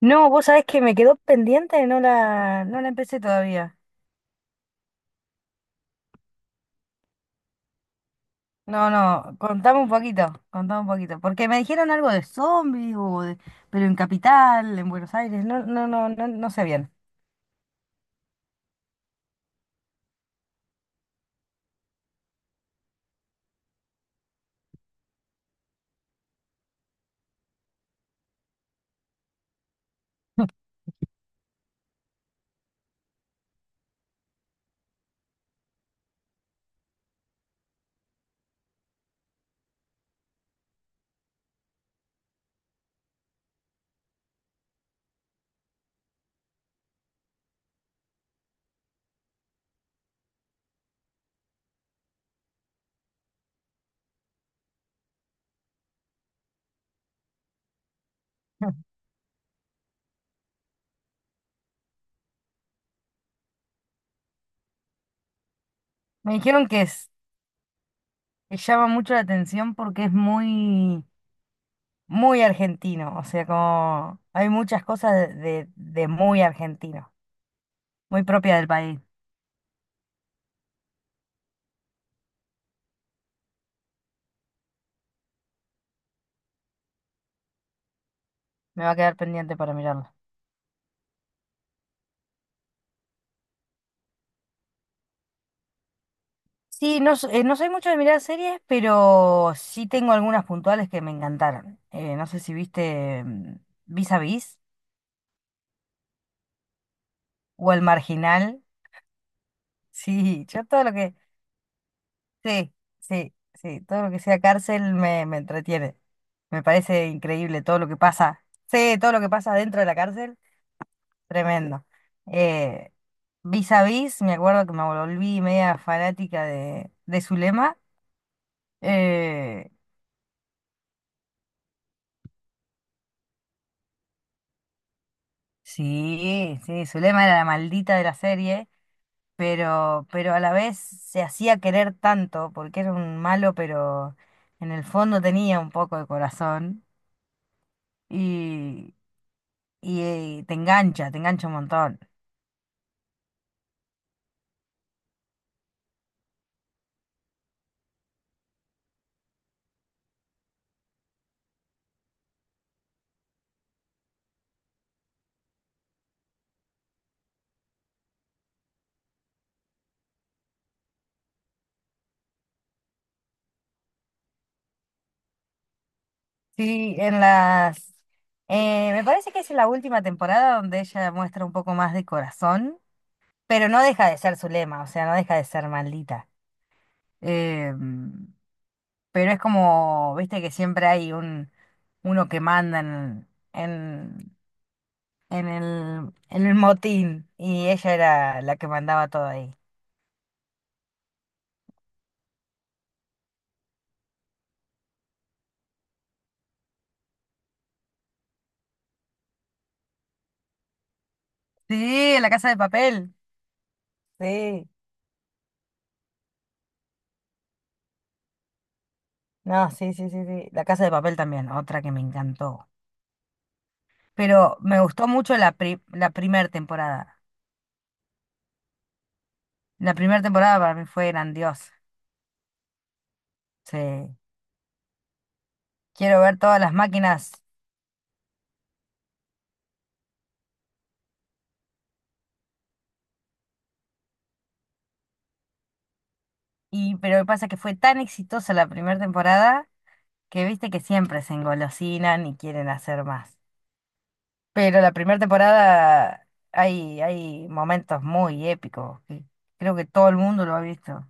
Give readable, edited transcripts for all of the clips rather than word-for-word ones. No, vos sabés que me quedó pendiente, no la empecé todavía. No, no, contame un poquito, contame un poquito. Porque me dijeron algo de zombies, pero en Capital, en Buenos Aires, no sé bien. Me dijeron que llama mucho la atención porque es muy argentino. O sea, como hay muchas cosas de muy argentino, muy propia del país. Me va a quedar pendiente para mirarlo. Sí, no, no soy mucho de mirar series, pero sí tengo algunas puntuales que me encantaron. No sé si viste Vis a Vis o El Marginal. Sí, yo todo lo que... Sí, sí, sí, todo lo que sea cárcel me entretiene. Me parece increíble todo lo que pasa. Sí, todo lo que pasa dentro de la cárcel, tremendo. Eh, Vis a Vis, me acuerdo que me volví media fanática de Zulema. Eh, Sí, sí, Zulema era la maldita de la serie, pero a la vez se hacía querer tanto, porque era un malo, pero en el fondo tenía un poco de corazón y, y te engancha un montón. Sí, en las... me parece que es en la última temporada donde ella muestra un poco más de corazón, pero no deja de ser Zulema, o sea, no deja de ser maldita. Em, pero es como, viste que siempre hay uno que manda en, en el motín y ella era la que mandaba todo ahí. Sí, La Casa de Papel. Sí, no, sí, sí, sí, sí. La Casa de Papel también, otra que me encantó. Pero me gustó mucho la primera temporada. La primera temporada para mí fue grandiosa. Sí, quiero ver todas las máquinas. Y, pero lo que pasa es que fue tan exitosa la primera temporada que viste que siempre se engolosinan y quieren hacer más. Pero la primera temporada hay, hay momentos muy épicos, que creo que todo el mundo lo ha visto.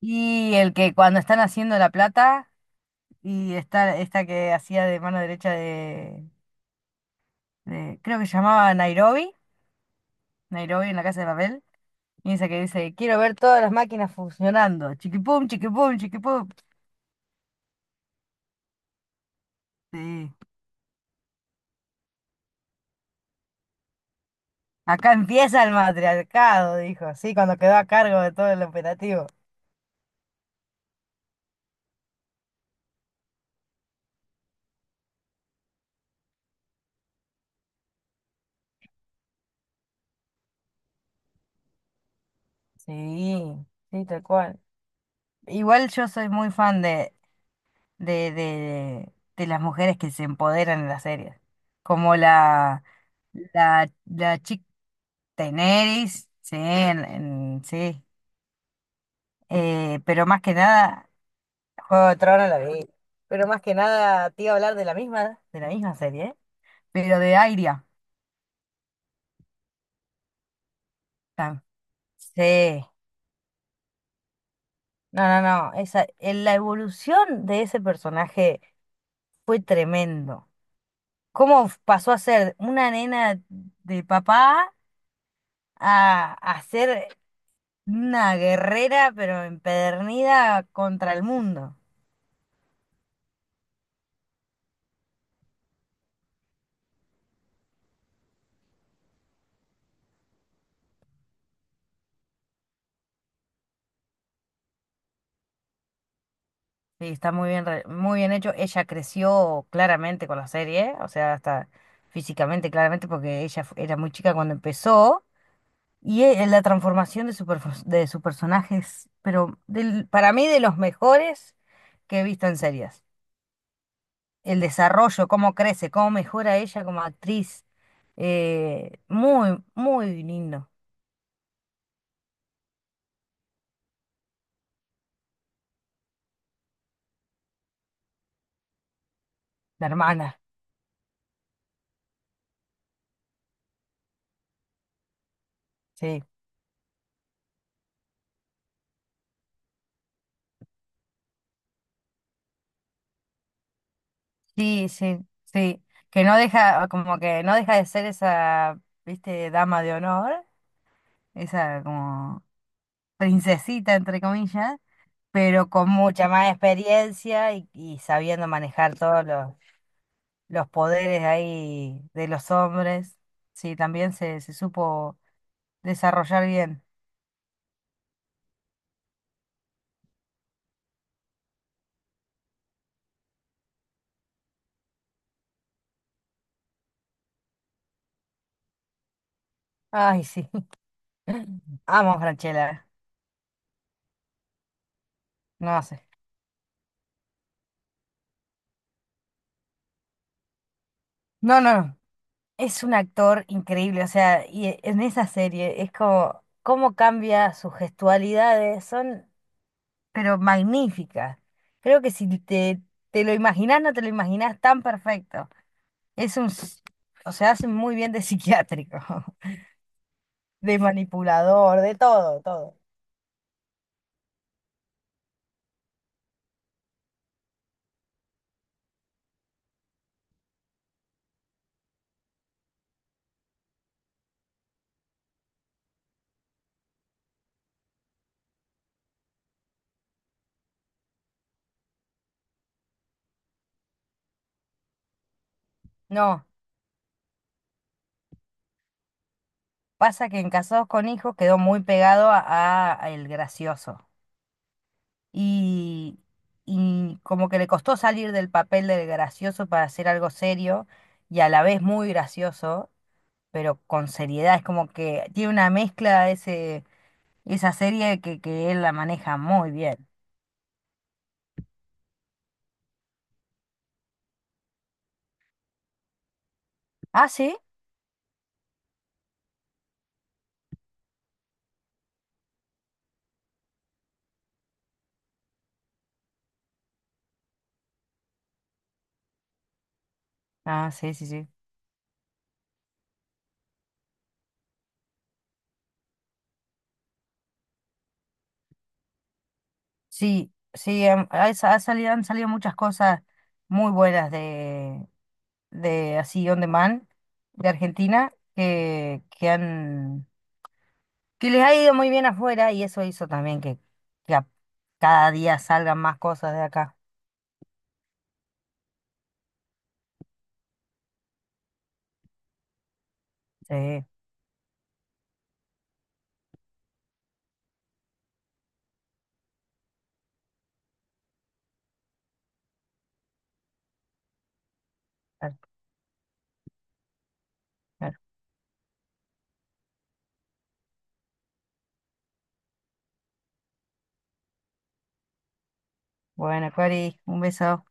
Y el que cuando están haciendo la plata, y está esta que hacía de mano derecha de, creo que se llamaba Nairobi, Nairobi en la casa de papel, y esa que dice, quiero ver todas las máquinas funcionando, chiquipum, chiquipum, chiquipum. Sí. Acá empieza el matriarcado, dijo, sí, cuando quedó a cargo de todo el operativo. Sí, sí, tal cual. Igual yo soy muy fan de las mujeres que se empoderan en las series. Como la chica Daenerys, sí, sí. Pero más que nada, Juego de Tronos la vi. Pero más que nada te iba a hablar de la misma serie, ¿eh? Pero de Airia. tam- Sí. No, no, no. Esa, en la evolución de ese personaje fue tremendo. Cómo pasó a ser una nena de papá a ser una guerrera, pero empedernida contra el mundo. Sí, está muy bien, muy bien hecho. Ella creció claramente con la serie, o sea, hasta físicamente, claramente, porque era muy chica cuando empezó. Y la transformación de su personaje es, pero para mí, de los mejores que he visto en series. El desarrollo, cómo crece, cómo mejora ella como actriz. Muy, muy lindo, la hermana. Sí, sí, sí, sí. Que no deja, como que no deja de ser esa, viste, dama de honor, esa como princesita, entre comillas, pero con mucha más experiencia y sabiendo manejar todos los poderes ahí de los hombres. Sí, también se supo desarrollar bien. Ay, sí. Amo a Franchella, no sé. No, no, no. Es un actor increíble, o sea, en esa serie es como cómo cambia sus gestualidades, son pero magníficas. Creo que si te, te lo imaginás, no te lo imaginás tan perfecto. Es un, s- o sea, hace muy bien de psiquiátrico, de manipulador, de todo, todo. No, pasa que en Casados con Hijos quedó muy pegado a el gracioso. Y, y como que le costó salir del papel del gracioso para hacer algo serio y a la vez muy gracioso, pero con seriedad. Es como que tiene una mezcla esa serie que él la maneja muy bien. Ah, sí. Ah, sí, sí, sí. Sí, sí, ha salido, han salido muchas cosas muy buenas de así on demand de Argentina que han que les ha ido muy bien afuera y eso hizo también que cada día salgan más cosas de acá. Sí, claro, claro. Bueno, Cori, un beso.